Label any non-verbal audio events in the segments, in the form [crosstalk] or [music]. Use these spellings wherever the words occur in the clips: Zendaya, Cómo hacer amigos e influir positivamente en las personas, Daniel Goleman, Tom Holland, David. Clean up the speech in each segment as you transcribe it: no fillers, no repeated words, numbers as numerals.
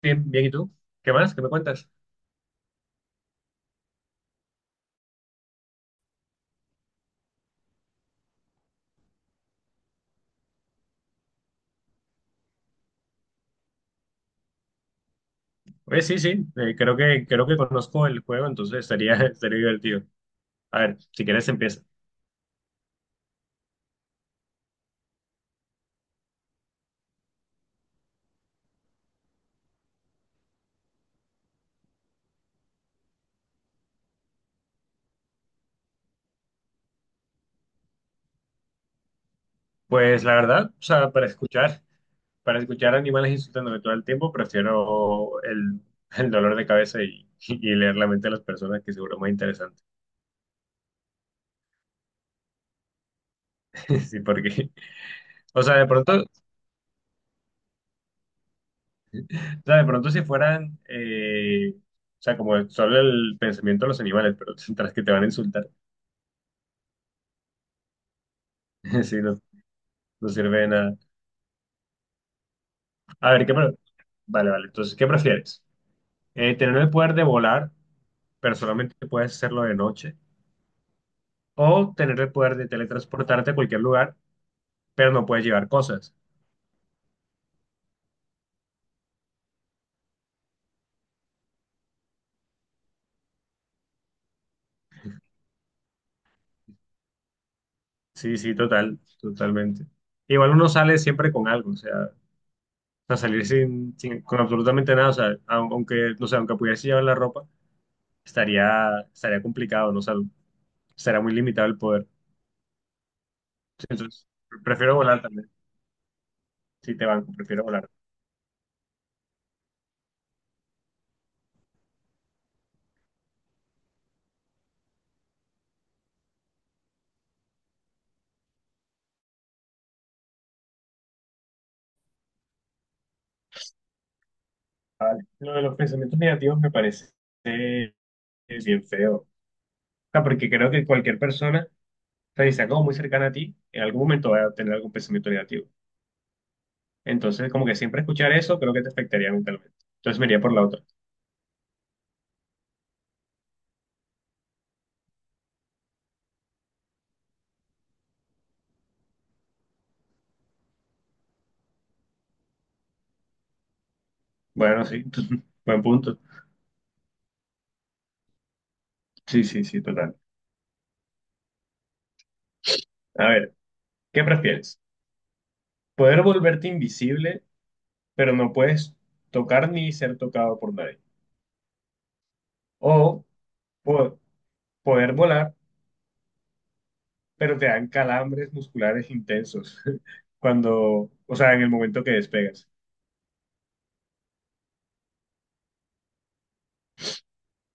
Bien, bien, ¿y tú? ¿Qué más? ¿Qué me cuentas? Oye, sí, sí, creo que conozco el juego, entonces estaría [laughs] divertido. A ver, si quieres empieza. Pues la verdad, o sea, para escuchar animales insultándome todo el tiempo, prefiero el dolor de cabeza y, [laughs] y leer la mente de las personas, que seguro es más interesante. [laughs] Sí, porque, o sea, de pronto, o sea, de pronto si fueran, o sea, como solo el pensamiento de los animales, pero [laughs] tras que te van a insultar, [laughs] sí, no, no sirve de nada. A ver, Vale, vale. Entonces, ¿qué prefieres? ¿Tener el poder de volar, pero solamente puedes hacerlo de noche? ¿O tener el poder de teletransportarte a cualquier lugar, pero no puedes llevar cosas? Sí, sí, total, totalmente. Igual uno sale siempre con algo, o sea, salir con absolutamente nada, o sea, aunque, no sé, aunque pudiese llevar la ropa, estaría complicado, no sé, será muy limitado el poder. Entonces, prefiero volar también, si te banco, prefiero volar. Vale. Lo de los pensamientos negativos me parece. Es bien feo. O sea, porque creo que cualquier persona, o sea, si está como muy cercana a ti, en algún momento va a tener algún pensamiento negativo. Entonces, como que siempre escuchar eso, creo que te afectaría mentalmente. Entonces me iría por la otra. Bueno, sí, [laughs] buen punto. Sí, sí, sí, total. A ver, ¿qué prefieres? ¿Poder volverte invisible, pero no puedes tocar ni ser tocado por nadie? ¿O po- poder volar, pero te dan calambres musculares intensos [laughs] cuando, o sea, en el momento que despegas?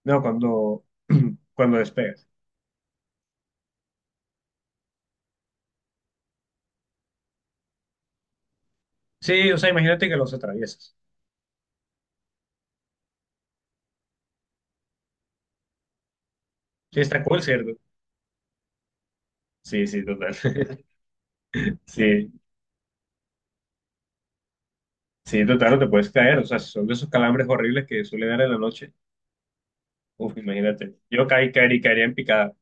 No, cuando, [clears throat] cuando despegas. Sí, o sea, imagínate que los atraviesas. Sí, está cool, ¿cierto? Sí, sí, total. [laughs] Sí, sí, total, no te puedes caer. O sea, si son de esos calambres horribles que suele dar en la noche. Uf, imagínate. Yo caería, caería en picada.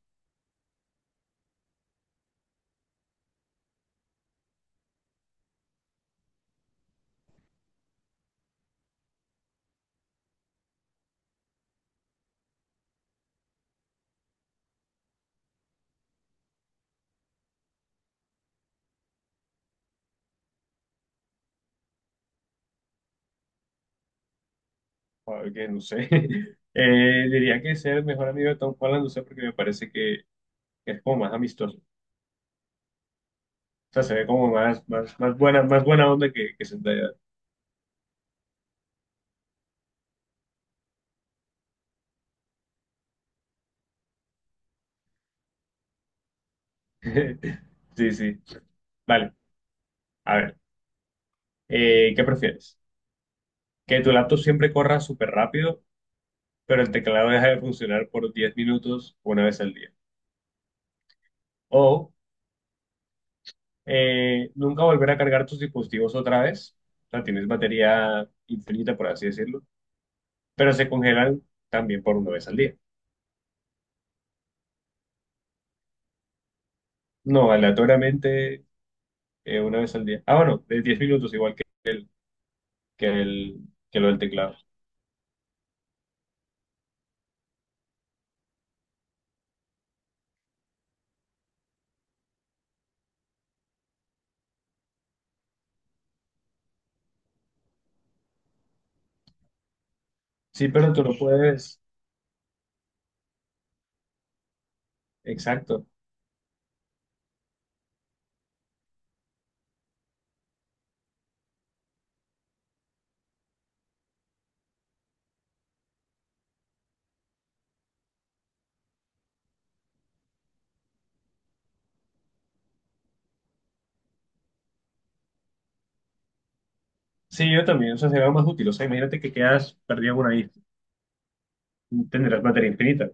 Joder, que no sé. [laughs] Diría que ser el mejor amigo de Tom Holland, no sé, porque me parece que es como más amistoso. O sea, se ve como más, más buena onda que Zendaya. [laughs] Sí, sí. Vale, a ver. ¿Qué prefieres? Que tu laptop siempre corra súper rápido, pero el teclado deja de funcionar por 10 minutos una vez al día. O nunca volver a cargar tus dispositivos otra vez. O sea, tienes batería infinita, por así decirlo, pero se congelan también por una vez al día. No, aleatoriamente una vez al día. Ah, bueno, de 10 minutos igual que el, que lo del teclado. Sí, pero tú lo puedes. Exacto. Sí, yo también, o sea, sería más útil. O sea, imagínate que quedas perdido en una isla, tendrás batería infinita.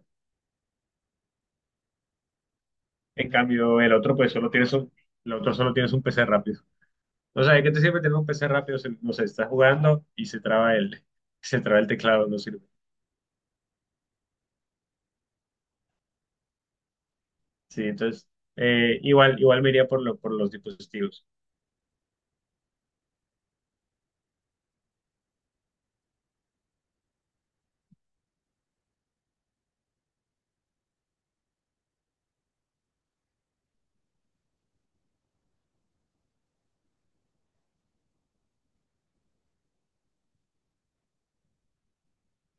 En cambio, el otro, pues solo tienes el otro solo tienes un PC rápido. O sea, ¿de qué te sirve tener un PC rápido? Si, no sé, estás jugando y se traba se traba el teclado, no sirve. Sí, entonces, igual me iría por los dispositivos.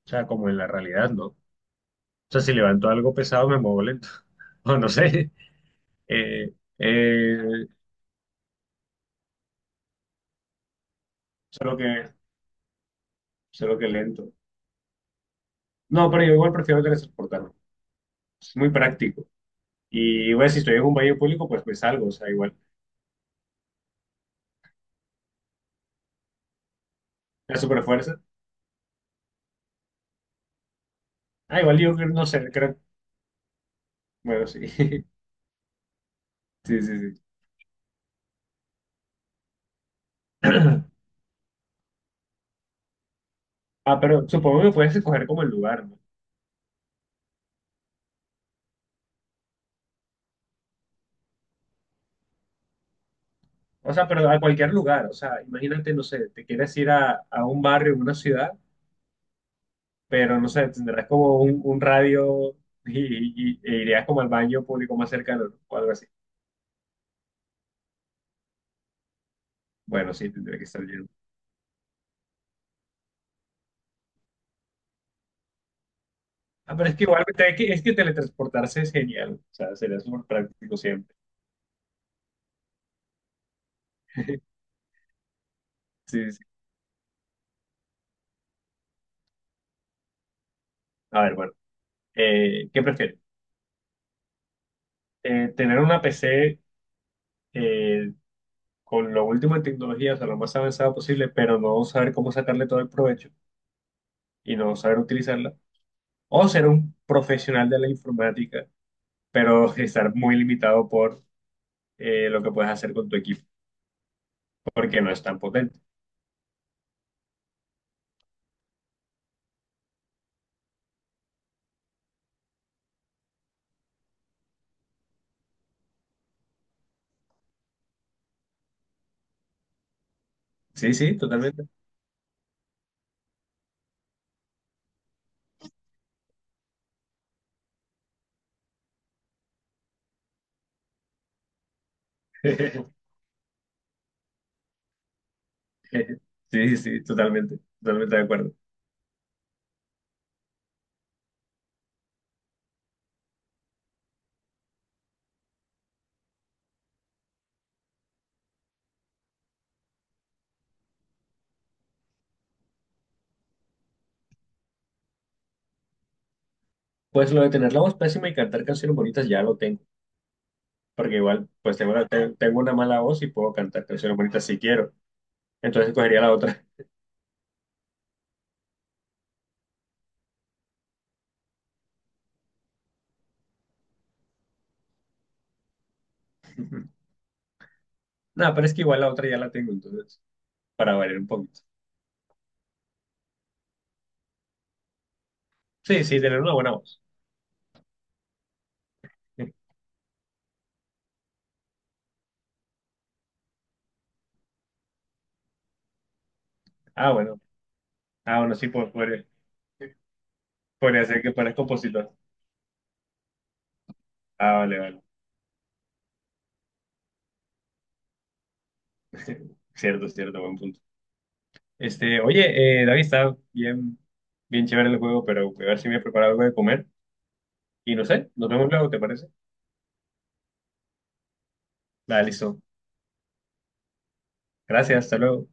O sea, como en la realidad, ¿no? O sea, si levanto algo pesado, me muevo lento. [laughs] O no sé. Eh, eh, solo que, solo que lento. No, pero yo igual prefiero teletransportarme. Es muy práctico. Y bueno, si estoy en un baño público, pues me salgo, o sea, igual. La superfuerza. Ah, igual yo no sé, creo. Bueno, sí. [laughs] Sí, sí, sí. [clears throat] Ah, pero supongo que puedes escoger como el lugar, ¿no? O sea, pero a cualquier lugar. O sea, imagínate, no sé, te quieres ir a un barrio, una ciudad, pero no sé, tendrás como un radio [laughs] e irías como al baño público más cercano, ¿no? O algo así. Bueno, sí, tendría que estar lleno. Ah, pero es que igual es que teletransportarse es genial. O sea, sería súper práctico siempre. [laughs] Sí, sí. A ver, bueno. ¿Qué prefieres? ¿Tener una PC eh, con lo último en tecnología, o sea, lo más avanzada posible, pero no saber cómo sacarle todo el provecho y no saber utilizarla, o ser un profesional de la informática, pero [laughs] estar muy limitado por lo que puedes hacer con tu equipo, porque no es tan potente? Sí, sí, totalmente. [laughs] Sí, sí, totalmente, totalmente de acuerdo. Pues lo de tener la voz pésima y cantar canciones bonitas ya lo tengo, porque igual, pues tengo, tengo una mala voz y puedo cantar canciones bonitas si quiero, entonces cogería la otra. [laughs] No, pero es que igual la otra ya la tengo, entonces. Para variar un poquito. Sí, sí, tener una buena voz. [laughs] Ah, bueno. Ah, bueno, sí, podría ser que parezca compositor. Ah, vale, vale. [laughs] Cierto, cierto, buen punto. Este, oye, David, está bien, bien chévere el juego, pero voy a ver si me he preparado algo de comer. Y no sé, nos vemos luego, ¿te parece? Vale, listo. Gracias, hasta luego.